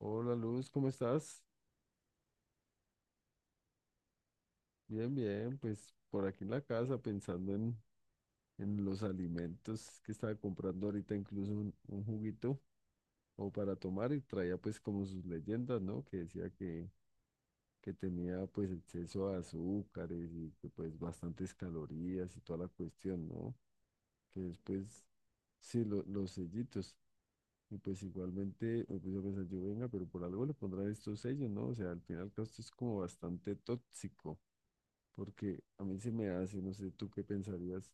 Hola Luz, ¿cómo estás? Bien, bien, pues por aquí en la casa pensando en los alimentos que estaba comprando ahorita, incluso un juguito o para tomar y traía pues como sus leyendas, ¿no? Que tenía pues exceso de azúcares y que pues bastantes calorías y toda la cuestión, ¿no? Que después, sí, los sellitos. Y pues igualmente me puse a pensar, yo venga, pero por algo le pondrán estos sellos, ¿no? O sea, al final esto es como bastante tóxico porque a mí se me hace, no sé tú qué pensarías,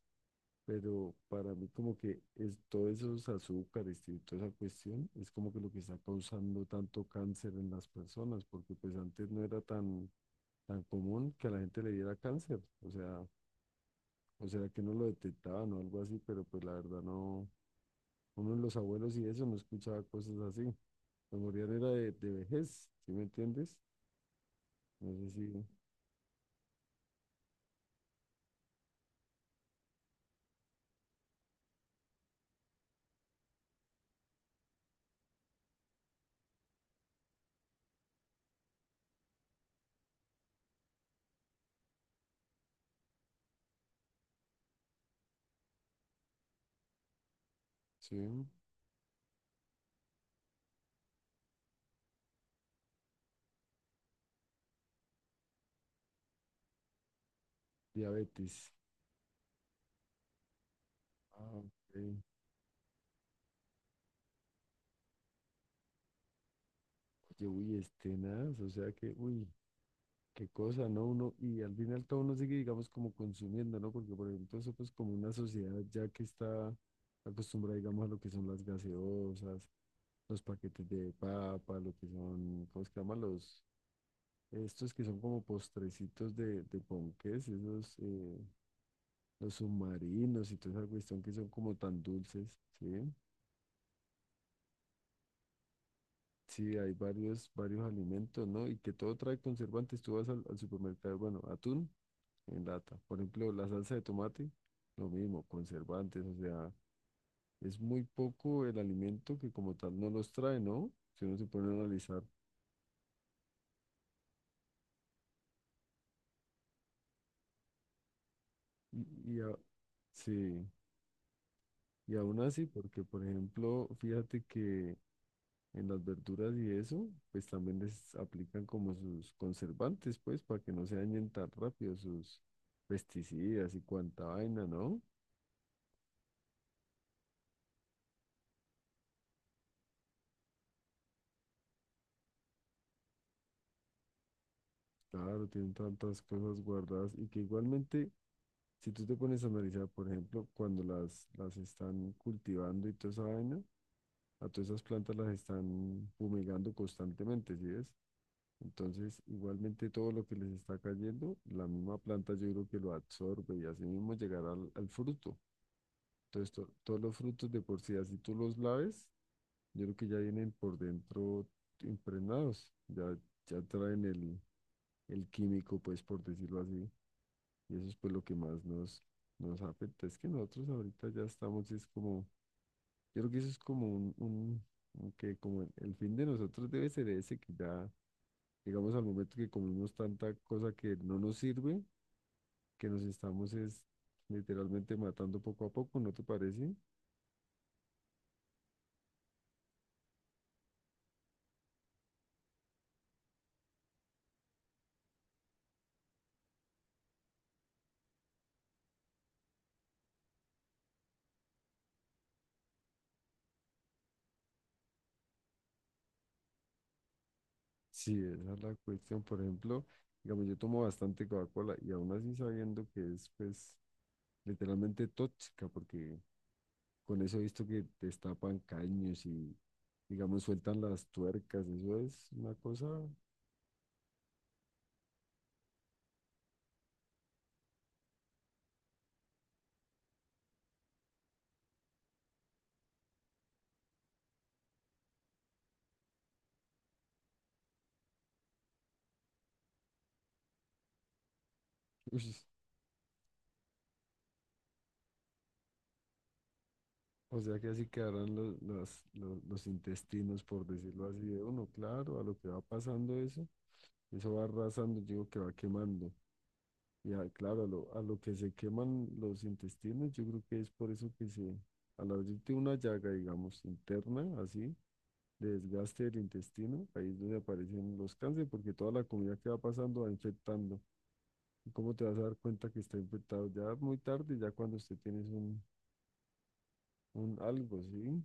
pero para mí como que es, todos esos azúcares y toda esa cuestión es como que lo que está causando tanto cáncer en las personas, porque pues antes no era tan, tan común que a la gente le diera cáncer, o sea que no lo detectaban o algo así, pero pues la verdad no, uno de los abuelos y eso no escuchaba cosas así, lo morían era de vejez, ¿sí me entiendes? No sé si, sí, diabetes. Ah, ok. Oye, uy, es tenaz, o sea que, uy, qué cosa, ¿no? Uno, y al final todo uno sigue, digamos, como consumiendo, ¿no? Porque, por ejemplo, eso pues como una sociedad ya que está acostumbrada, digamos, a lo que son las gaseosas, los paquetes de papa, lo que son, ¿cómo se llama? Los, estos que son como postrecitos de ponqués, esos, los submarinos y toda esa cuestión que son como tan dulces, ¿sí? Sí, hay varios, varios alimentos, ¿no? Y que todo trae conservantes. Tú vas al supermercado, bueno, atún en lata. Por ejemplo, la salsa de tomate, lo mismo, conservantes, o sea, es muy poco el alimento que como tal no los trae, ¿no? Si uno se pone a analizar. Y, y a- sí, y aún así, porque por ejemplo, fíjate que en las verduras y eso, pues también les aplican como sus conservantes, pues, para que no se dañen tan rápido sus pesticidas y cuanta vaina, ¿no? Claro, tienen tantas cosas guardadas y que igualmente si tú te pones a analizar, por ejemplo, cuando las están cultivando y toda esa vaina, a todas esas plantas las están fumigando constantemente, ¿sí ves? Entonces, igualmente todo lo que les está cayendo, la misma planta yo creo que lo absorbe y así mismo llegará al fruto. Entonces, todos los frutos de por sí, así tú los laves, yo creo que ya vienen por dentro impregnados, ya, ya traen el químico, pues por decirlo así. Y eso es pues lo que más nos afecta. Es que nosotros ahorita ya estamos, es como, yo creo que eso es como un que como el fin de nosotros debe ser ese, que ya llegamos al momento que comemos tanta cosa que no nos sirve, que nos estamos es literalmente matando poco a poco, ¿no te parece? Sí, esa es la cuestión. Por ejemplo, digamos, yo tomo bastante Coca-Cola y aún así sabiendo que es pues literalmente tóxica, porque con eso he visto que destapan caños y, digamos, sueltan las tuercas. Eso es una cosa. Uy, o sea que así quedarán los, los intestinos, por decirlo así, de uno. Claro, a lo que va pasando eso, eso va arrasando, yo digo que va quemando. Claro, a lo que se queman los intestinos, yo creo que es por eso que se, al abrirte una llaga, digamos, interna, así, de desgaste del intestino, ahí es donde aparecen los cánceres, porque toda la comida que va pasando va infectando. ¿Cómo te vas a dar cuenta que está infectado? Ya muy tarde, ya cuando usted tiene un algo, ¿sí?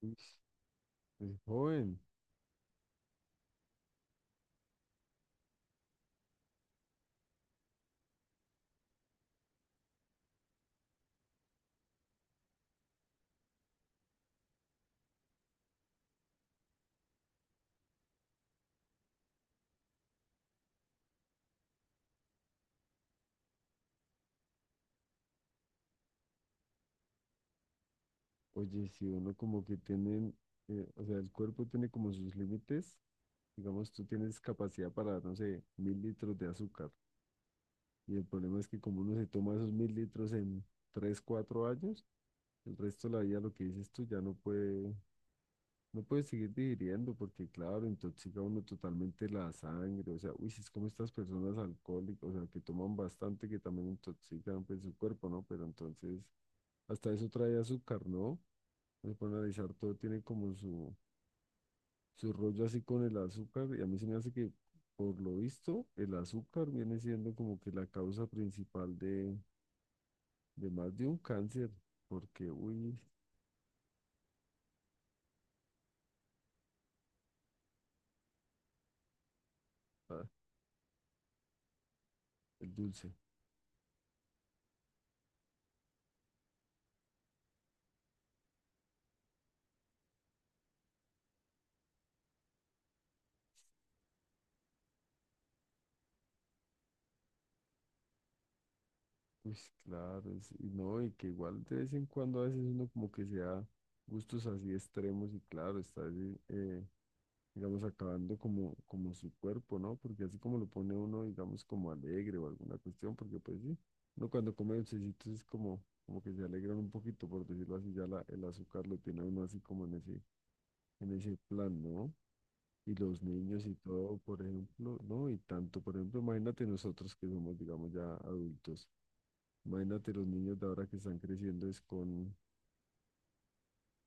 Es, es joven. Oye, si uno como que tiene, o sea, el cuerpo tiene como sus límites, digamos, tú tienes capacidad para, no sé, mil litros de azúcar. Y el problema es que como uno se toma esos mil litros en tres, cuatro años, el resto de la vida, lo que dices tú, ya no puede. No puedes seguir digiriendo porque, claro, intoxica uno totalmente la sangre. O sea, uy, si es como estas personas alcohólicas, o sea, que toman bastante, que también intoxican pues, su cuerpo, ¿no? Pero entonces, hasta eso trae azúcar, ¿no? Pues, para analizar todo, tiene como su rollo así con el azúcar. Y a mí se me hace que, por lo visto, el azúcar viene siendo como que la causa principal de más de un cáncer. Porque, uy, ah, el dulce. Pues claro, y no, y que igual de vez en cuando a veces uno como que se da gustos así extremos y claro, está así, digamos, acabando como su cuerpo, ¿no? Porque así como lo pone uno, digamos, como alegre o alguna cuestión, porque pues sí, uno cuando come dulcecitos es como que se alegran un poquito, por decirlo así, ya la, el azúcar lo tiene uno así como en ese plan, ¿no? Y los niños y todo, por ejemplo, ¿no? Y tanto, por ejemplo, imagínate nosotros que somos, digamos, ya adultos. Imagínate los niños de ahora que están creciendo es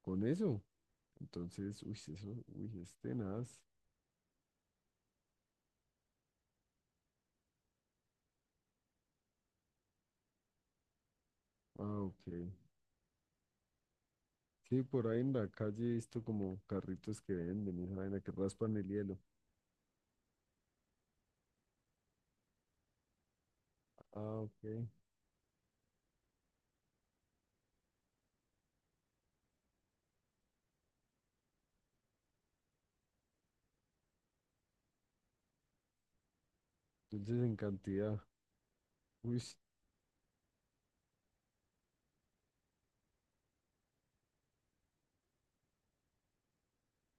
con eso. Entonces, uy, eso, uy, es tenaz. Ah, ok. Sí, por ahí en la calle he visto como carritos que venden, esa vaina que raspan el hielo. Ah, ok. Entonces, en cantidad. Uy,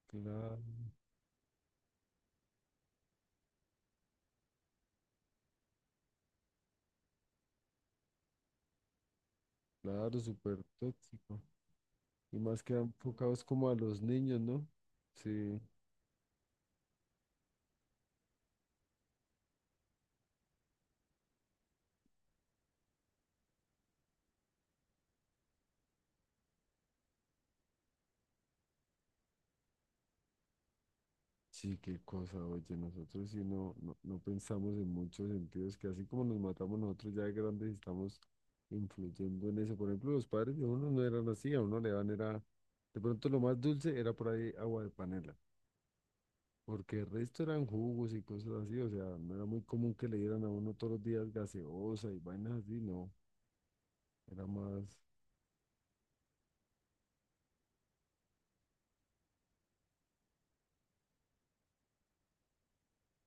claro, claro, súper tóxico. Y más que enfocados como a los niños, ¿no? Sí. Sí, qué cosa, oye, nosotros sí no, no, no pensamos en muchos sentidos, que así como nos matamos nosotros ya de grandes estamos influyendo en eso. Por ejemplo, los padres de uno no eran así, a uno le dan era, de pronto lo más dulce era por ahí agua de panela, porque el resto eran jugos y cosas así, o sea, no era muy común que le dieran a uno todos los días gaseosa y vainas así, no, era más,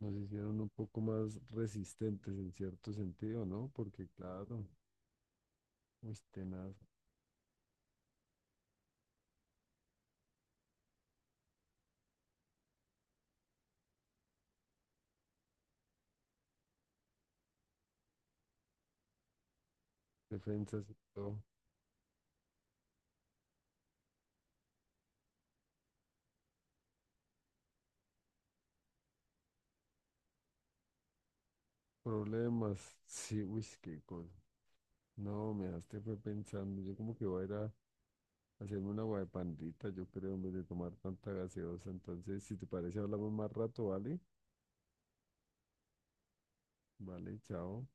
nos hicieron un poco más resistentes en cierto sentido, ¿no? Porque claro, uy, tenaz, defensas y todo. Problemas. Sí, uy, qué cosa. No, me dejaste fue pensando. Yo como que voy a ir a hacerme una agua de pandita, yo creo, en vez de tomar tanta gaseosa. Entonces, si te parece, hablamos más rato, ¿vale? Vale, chao.